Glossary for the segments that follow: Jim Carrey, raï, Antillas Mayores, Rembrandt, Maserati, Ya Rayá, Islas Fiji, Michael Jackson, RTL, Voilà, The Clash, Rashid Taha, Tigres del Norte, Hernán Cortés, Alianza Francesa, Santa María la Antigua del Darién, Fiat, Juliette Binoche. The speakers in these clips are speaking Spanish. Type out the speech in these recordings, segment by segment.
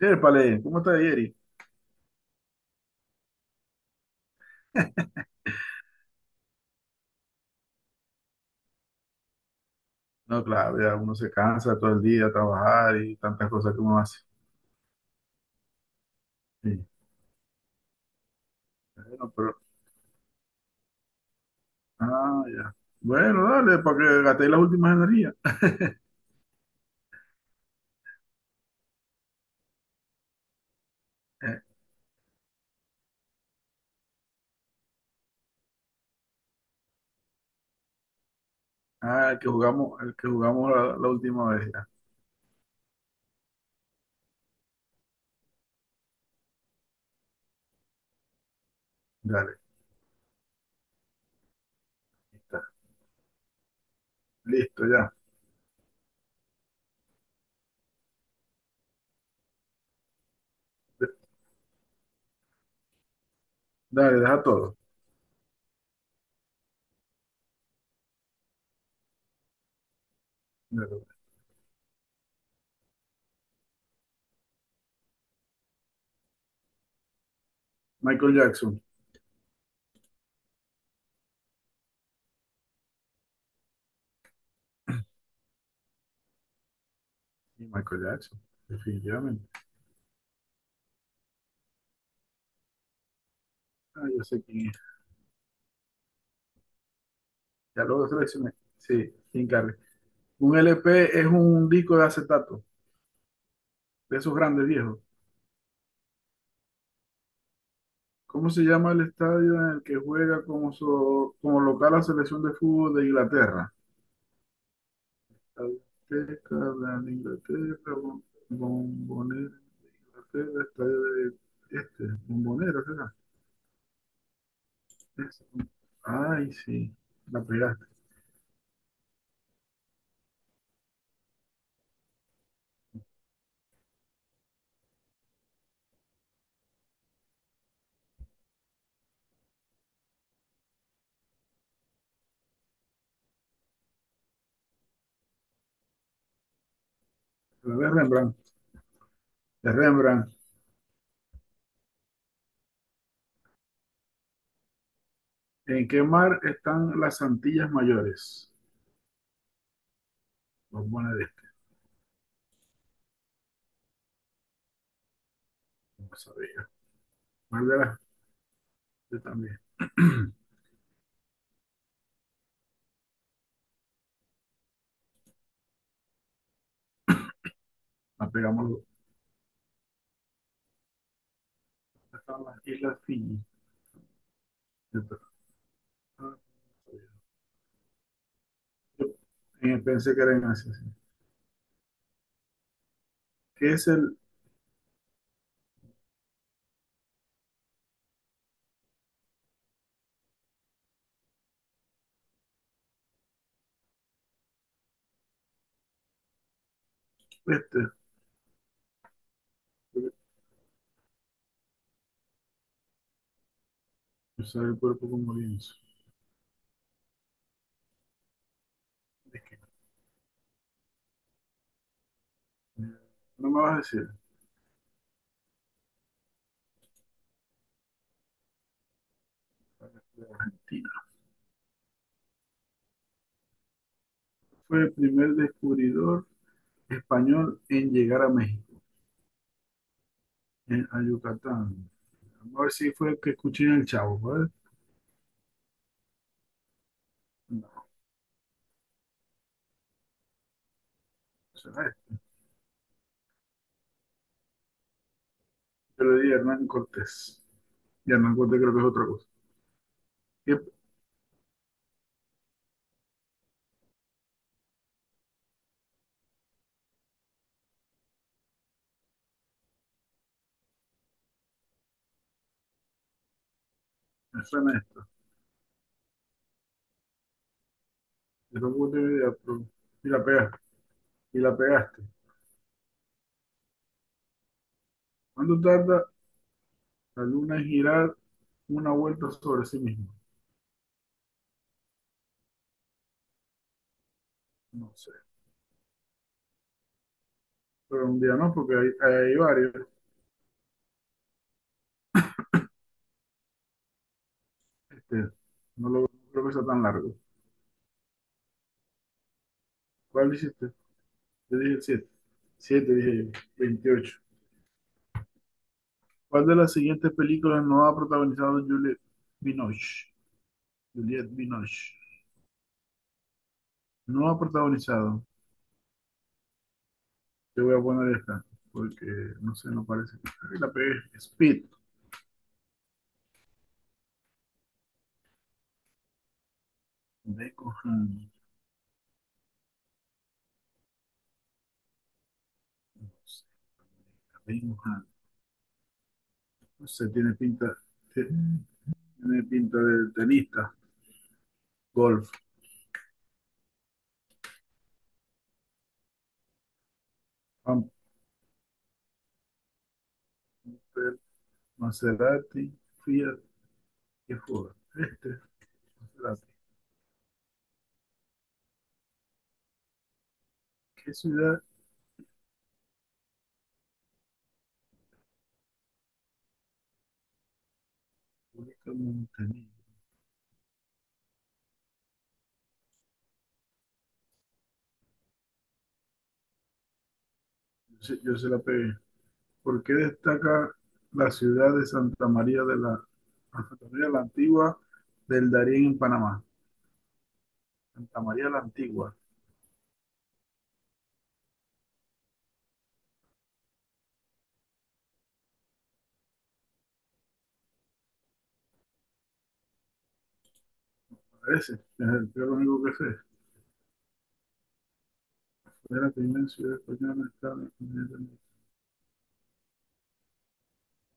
Yépale, ¿cómo está Yeri? No, claro, ya uno se cansa todo el día a trabajar y tantas cosas que uno hace. Sí, bueno, pero, ya. Bueno, dale, para que gastéis las últimas energías. Eh, el que jugamos, el que jugamos la última vez, ya. Dale, ahí está. Listo, ya. De- Dale, deja todo. Dale, dale. Michael Jackson. Y Michael Jackson, definitivamente. Ah, ya sé quién es. Ya lo seleccioné. Sí, Jim Carrey. Un LP es un disco de acetato, de esos grandes viejos. ¿Cómo se llama el estadio en el que juega como, como local la selección de fútbol de Inglaterra? Azteca, de Inglaterra, Bombonera, Inglaterra, estadio de este, Bombonera, ¿será? Es- Ay, sí, la pegaste. La de Rembrandt. De Rembrandt. ¿En qué mar están las Antillas Mayores? Bombonera, este, no sabía. ¿Cuál de las? Yo también. La pegamos los dos. Están las Islas Fiji. Yo también. Pensé que era en Asia, sí. ¿Qué es el este? Usar el cuerpo como lienzo. ¿De qué? No me vas a decir. Tina. Fue el primer descubridor español en llegar a México, en, a Yucatán. Vamos a ver si fue el que escuché en el Chavo, ¿vale? No, no será este. Yo le di a Hernán Cortés. Y Hernán Cortés creo que es otra cosa. ¿Qué me suena esto? Yo tampoco tengo idea, pero- Y la pegaste. Y la pegaste. ¿Cuánto tarda la luna en girar una vuelta sobre sí misma? No sé. Pero un día no, porque hay varios. Este, no creo que sea tan largo. ¿Cuál hiciste? Yo dije el 7. 7, dije yo. 28. ¿Cuál de las siguientes películas no ha protagonizado Juliette Binoche? Juliette Binoche. No ha protagonizado. Te voy a poner esta, porque no sé, no parece. Ay, la pegué. Speed. Deco Han. Deco Han. No sé, tiene pinta. Tiene pinta de tenista. Golf. Amper. Maserati. Fiat. ¿Qué joda? Este, espérate, ¿qué ciudad única montañesa? Yo se la pegué. ¿Por qué destaca la ciudad de Santa María de Santa María la Antigua del Darién en Panamá? Santa María la Antigua, parece. Es lo único que sé. Es la primera ciudad española en estar en el continente.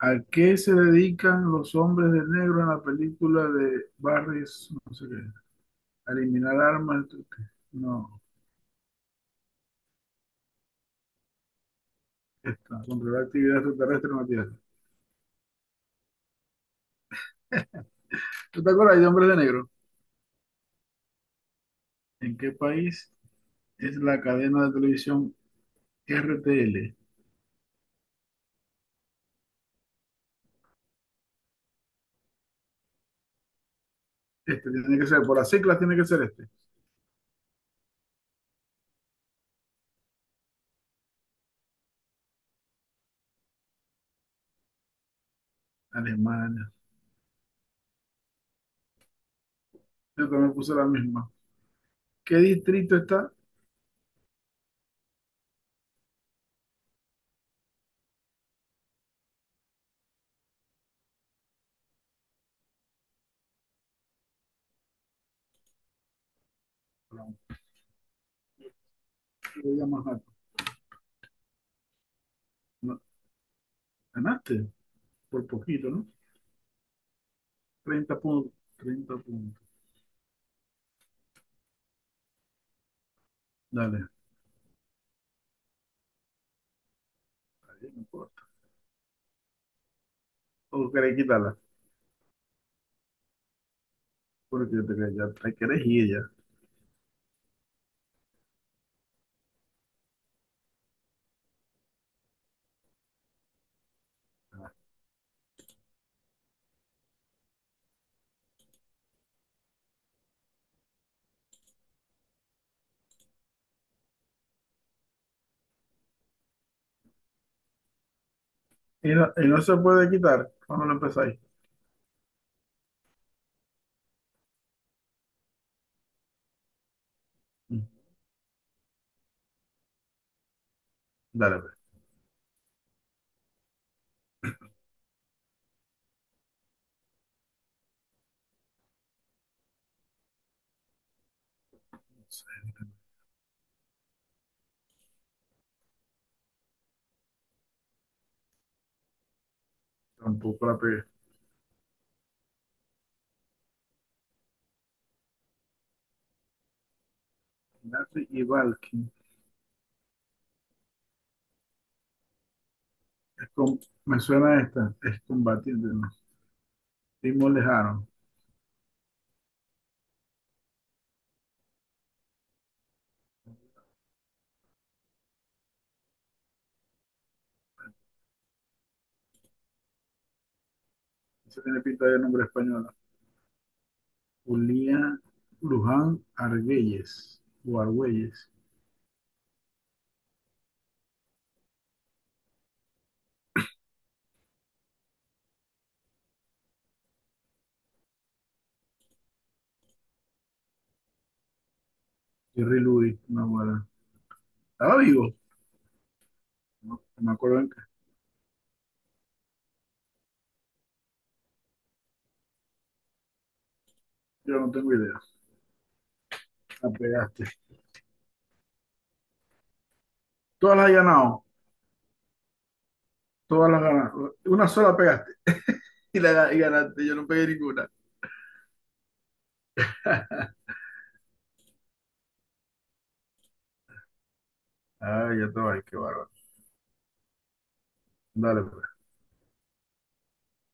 ¿A qué se dedican los hombres de negro en la película de Barry, no sé qué? A eliminar armas. ¿Tú qué? No, esta, controlar actividad extraterrestre en la Tierra. ¿Tú te acuerdas de hombres de negro? ¿En qué país es la cadena de televisión RTL? Este tiene que ser, por las siglas tiene que ser este. Alemania. Yo también puse la misma. ¿Qué distrito está? Perdón, yo voy a más alto. No, ganaste por poquito, ¿no? 30 puntos. Treinta puntos. Dale, está bien, no importa. ¿O querés quitarla, porque yo te quería, ya te querés ir ya? Y no se puede quitar cuando lo empezáis. Mm, dale, pues. No sé, tampoco la pegué. Nazi y Valky. Es con- Me suena esta. Es combatiente, ¿no? Simón Lejano. Eso tiene pinta de nombre español. Julia Luján Argüelles. O Argüelles. Jerry Luis, una buena. Estaba vivo. No, no me acuerdo en qué. Yo no tengo idea. La pegaste. Todas las has ganado. Todas las ganaste. Una sola pegaste. Y ganaste. Yo no pegué ninguna. Ay, ya te va. Qué bárbaro. Dale, pues.